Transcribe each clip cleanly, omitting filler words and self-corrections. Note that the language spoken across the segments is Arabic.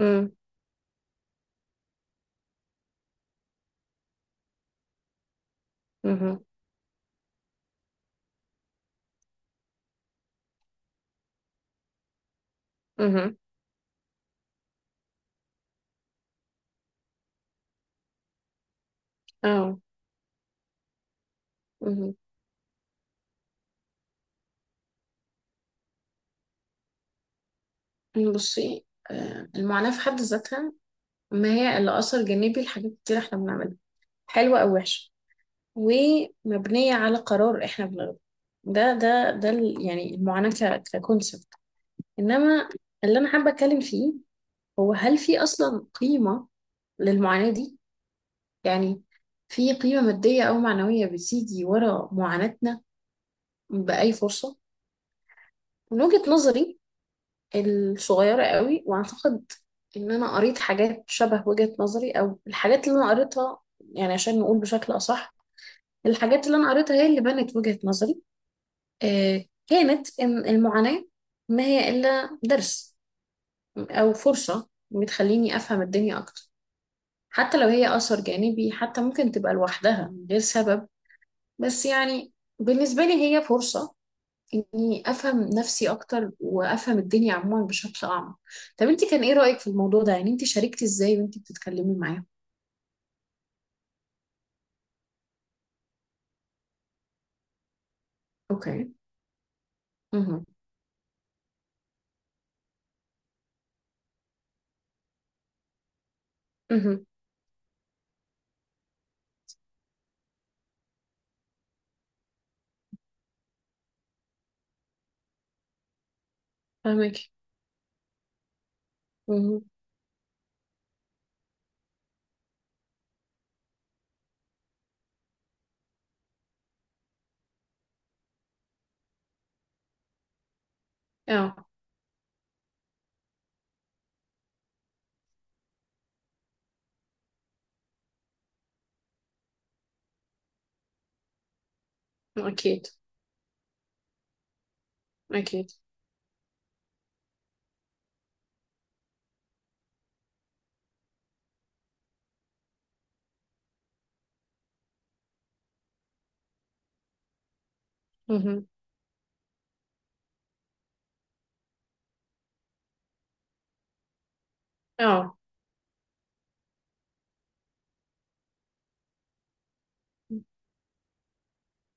امم امم امم اه. مهم. بصي، المعاناة في حد ذاتها ما هي إلا أثر جانبي لحاجات كتير احنا بنعملها، حلوة أو وحشة، ومبنية على قرار احنا بناخده. ده يعني المعاناة ككونسبت. إنما اللي أنا حابة أتكلم فيه هو هل في أصلا قيمة للمعاناة دي؟ يعني في قيمة مادية أو معنوية بتيجي ورا معاناتنا بأي فرصة؟ من وجهة نظري الصغيرة قوي، واعتقد ان انا قريت حاجات شبه وجهة نظري، او الحاجات اللي انا قريتها يعني عشان نقول بشكل اصح، الحاجات اللي انا قريتها هي اللي بنت وجهة نظري، كانت ان المعاناة ما هي الا درس او فرصة بتخليني افهم الدنيا اكتر، حتى لو هي اثر جانبي، حتى ممكن تبقى لوحدها من غير سبب. بس يعني بالنسبة لي هي فرصة اني افهم نفسي اكتر وافهم الدنيا عموما بشكل اعمق. طب انت كان ايه رايك في الموضوع ده؟ يعني انت شاركتي ازاي وانت بتتكلمي معاهم؟ اوكي. اها. اها. فاهمك. اها. اه. اكيد. اكيد. اها. اه.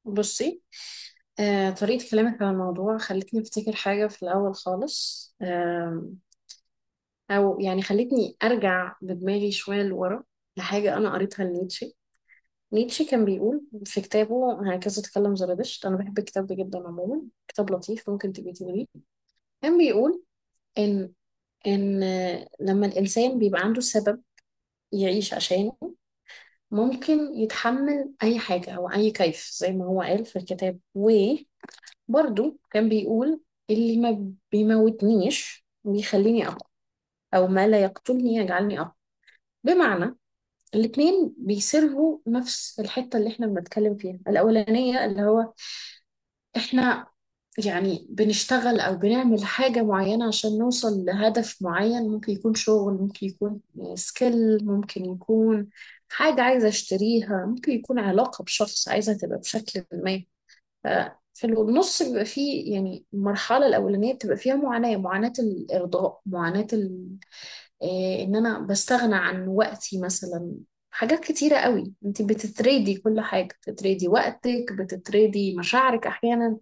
بصي، طريقة كلامك عن الموضوع خلتني أفتكر حاجة في الأول خالص، أو يعني خلتني أرجع بدماغي شوية لورا لحاجة أنا قريتها لنيتشه. نيتشه كان بيقول في كتابه هكذا تكلم زرادشت، أنا بحب الكتاب ده جدا عموما، كتاب لطيف ممكن تبقي تقريه. كان بيقول إن إن لما الإنسان بيبقى عنده سبب يعيش عشانه، ممكن يتحمل أي حاجة أو أي كيف، زي ما هو قال في الكتاب. وبرضه كان بيقول اللي ما بيموتنيش بيخليني أقوى، أو ما لا يقتلني يجعلني أقوى. بمعنى الاتنين بيسيرفوا نفس الحتة اللي احنا بنتكلم فيها. الأولانية اللي هو احنا يعني بنشتغل او بنعمل حاجة معينة عشان نوصل لهدف معين، ممكن يكون شغل، ممكن يكون سكيل، ممكن يكون حاجة عايزة اشتريها، ممكن يكون علاقة بشخص عايزة تبقى بشكل ما. ف- في النص بيبقى فيه يعني المرحلة الأولانية بتبقى فيها معاناة، معاناة الإرضاء، معاناة إيه، إن أنا بستغنى عن وقتي مثلا. حاجات كتيرة قوي انت بتتريدي، كل حاجة بتتريدي، وقتك بتتريدي، مشاعرك أحيانا،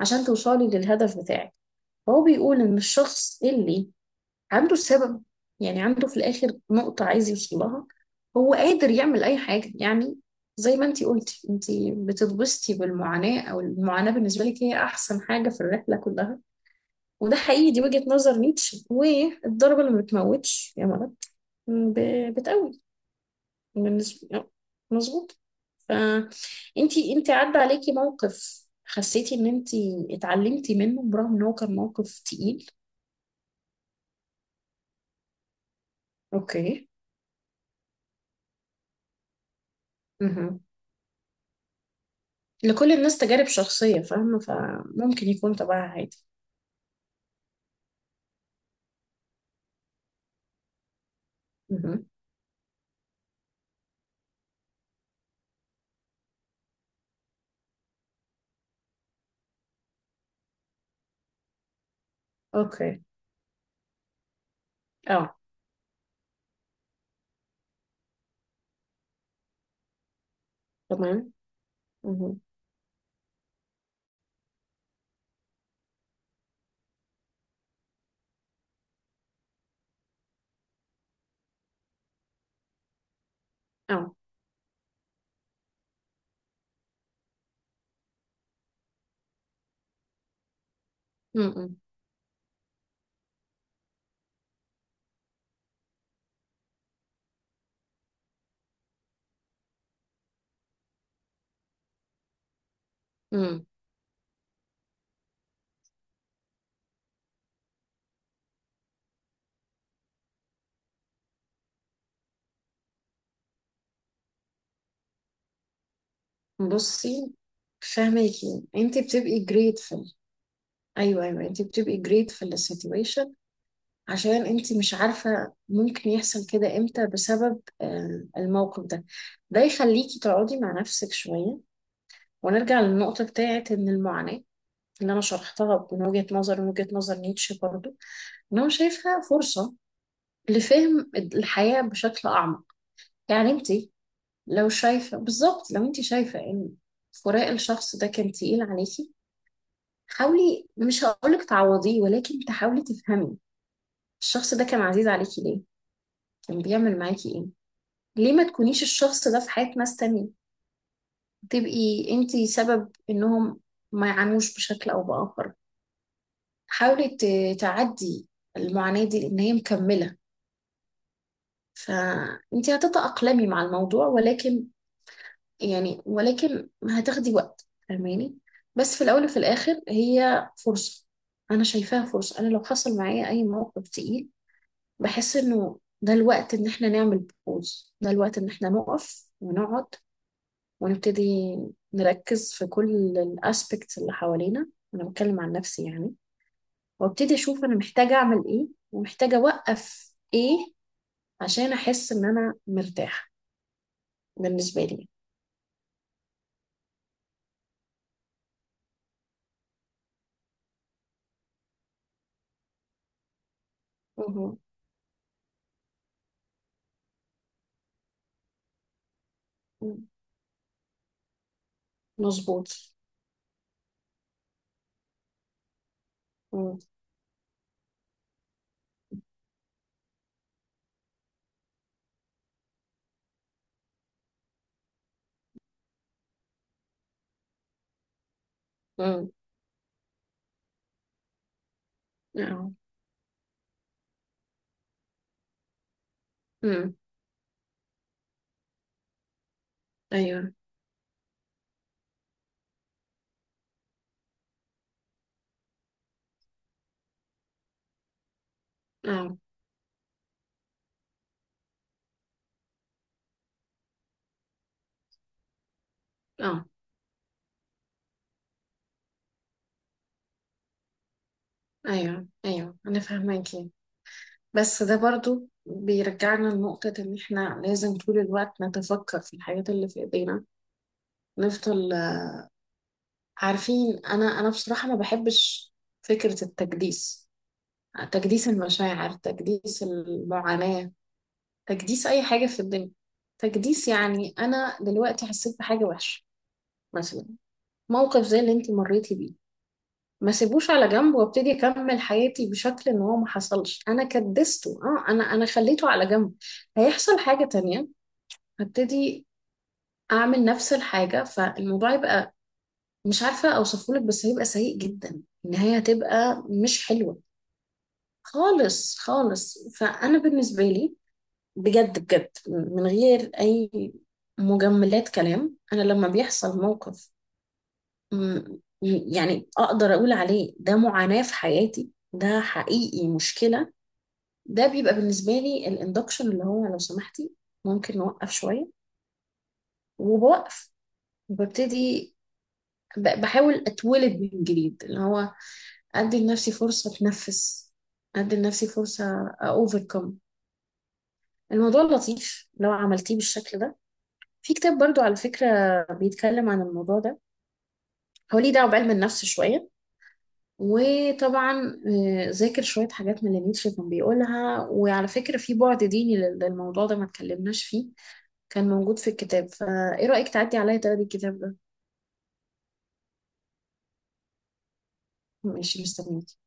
عشان توصلي للهدف بتاعك. فهو بيقول إن الشخص اللي عنده السبب، يعني عنده في الآخر نقطة عايز يوصل لها، هو قادر يعمل أي حاجة يعني. زي ما انتي قلتي انتي بتتبسطي بالمعاناة، أو المعاناة بالنسبة لك هي أحسن حاجة في الرحلة كلها. وده حقيقي، دي وجهة نظر نيتشه. والضربة اللي ما بتموتش يا مرض بتقوي بالنسبة. مظبوط. ف انتي عدى عليكي موقف حسيتي ان انتي اتعلمتي منه برغم ان هو كان موقف تقيل؟ اوكي. مهم. لكل الناس تجارب شخصية فاهمة، فممكن يكون تبعها عادي. مهم. اوكي. اه. تمام. مهم. اه. مم. مم. بصي، فاهماكي، انتي بتبقي grateful. ايوه ايوه، انتي بتبقي grateful للسيتويشن عشان انتي مش عارفة ممكن يحصل كده امتى، بسبب الموقف ده، ده يخليكي تقعدي مع نفسك شوية. ونرجع للنقطة بتاعت ان المعاناة اللي انا شرحتها من وجهة نظر من وجهة نظر نيتشه برضو، ان هو شايفها فرصة لفهم الحياة بشكل اعمق. يعني انتي لو شايفة بالظبط، لو انتي شايفة ان فراق الشخص ده كان تقيل عليكي، حاولي، مش هقولك تعوضيه ولكن تحاولي تفهمي الشخص ده كان عزيز عليكي ليه، كان بيعمل معاكي ايه. ليه ما تكونيش الشخص ده في حياة ناس تانية، تبقي انتي سبب انهم ما يعانوش بشكل او بآخر. حاولي تعدي المعاناة دي لان هي مكملة. فانتي هتتأقلمي مع الموضوع ولكن يعني ولكن هتاخدي وقت، فاهماني؟ بس في الاول وفي الاخر هي فرصة. انا شايفاها فرصة. انا لو حصل معايا اي موقف تقيل بحس انه ده الوقت ان احنا نعمل بوز، ده الوقت ان احنا نقف ونقعد، ونبتدي نركز في كل الاسبكتس اللي حوالينا. انا بتكلم عن نفسي يعني. وابتدي اشوف انا محتاجه اعمل ايه ومحتاجه اوقف ايه عشان احس ان انا مرتاحه. بالنسبه لي. مهم. مم. مظبوط. مم. مم. اه. مم. ايوه. اه. اه. ايوه ايوه، انا فاهماكي. بس ده برضو بيرجعنا لنقطة إن إحنا لازم طول الوقت نتفكر في الحاجات اللي في إيدينا، نفضل عارفين. انا بصراحه ما بحبش فكره التجديس، تجديس المشاعر، تجديس المعاناه، تجديس اي حاجه في الدنيا. تجديس يعني انا دلوقتي حسيت بحاجه وحشه، مثلا موقف زي اللي انت مريتي بيه، ما سيبوش على جنب وابتدي اكمل حياتي بشكل ان هو ما حصلش. انا كدسته، اه، انا خليته على جنب. هيحصل حاجه تانية، هبتدي اعمل نفس الحاجه، فالموضوع يبقى مش عارفه اوصفهولك بس هيبقى سيء جدا، النهايه هتبقى مش حلوه خالص خالص. فأنا بالنسبة لي بجد بجد من غير أي مجملات كلام، أنا لما بيحصل موقف م- م- يعني أقدر أقول عليه ده معاناة في حياتي، ده حقيقي مشكلة، ده بيبقى بالنسبة لي الاندكشن، اللي هو لو سمحتي ممكن نوقف شوية. وبوقف وببتدي بحاول أتولد من جديد، اللي هو أدي لنفسي فرصة أتنفس، أدي لنفسي فرصة أوفركم. الموضوع لطيف لو عملتيه بالشكل ده. في كتاب برضو على فكرة بيتكلم عن الموضوع ده، هو ليه دعوة بعلم النفس شوية، وطبعا ذاكر شوية حاجات من اللي نيتشه كان بيقولها. وعلى فكرة في بعد ديني للموضوع ده ما اتكلمناش فيه، كان موجود في الكتاب. فايه رأيك تعدي عليا تقري الكتاب ده؟ ماشي، مستنيك.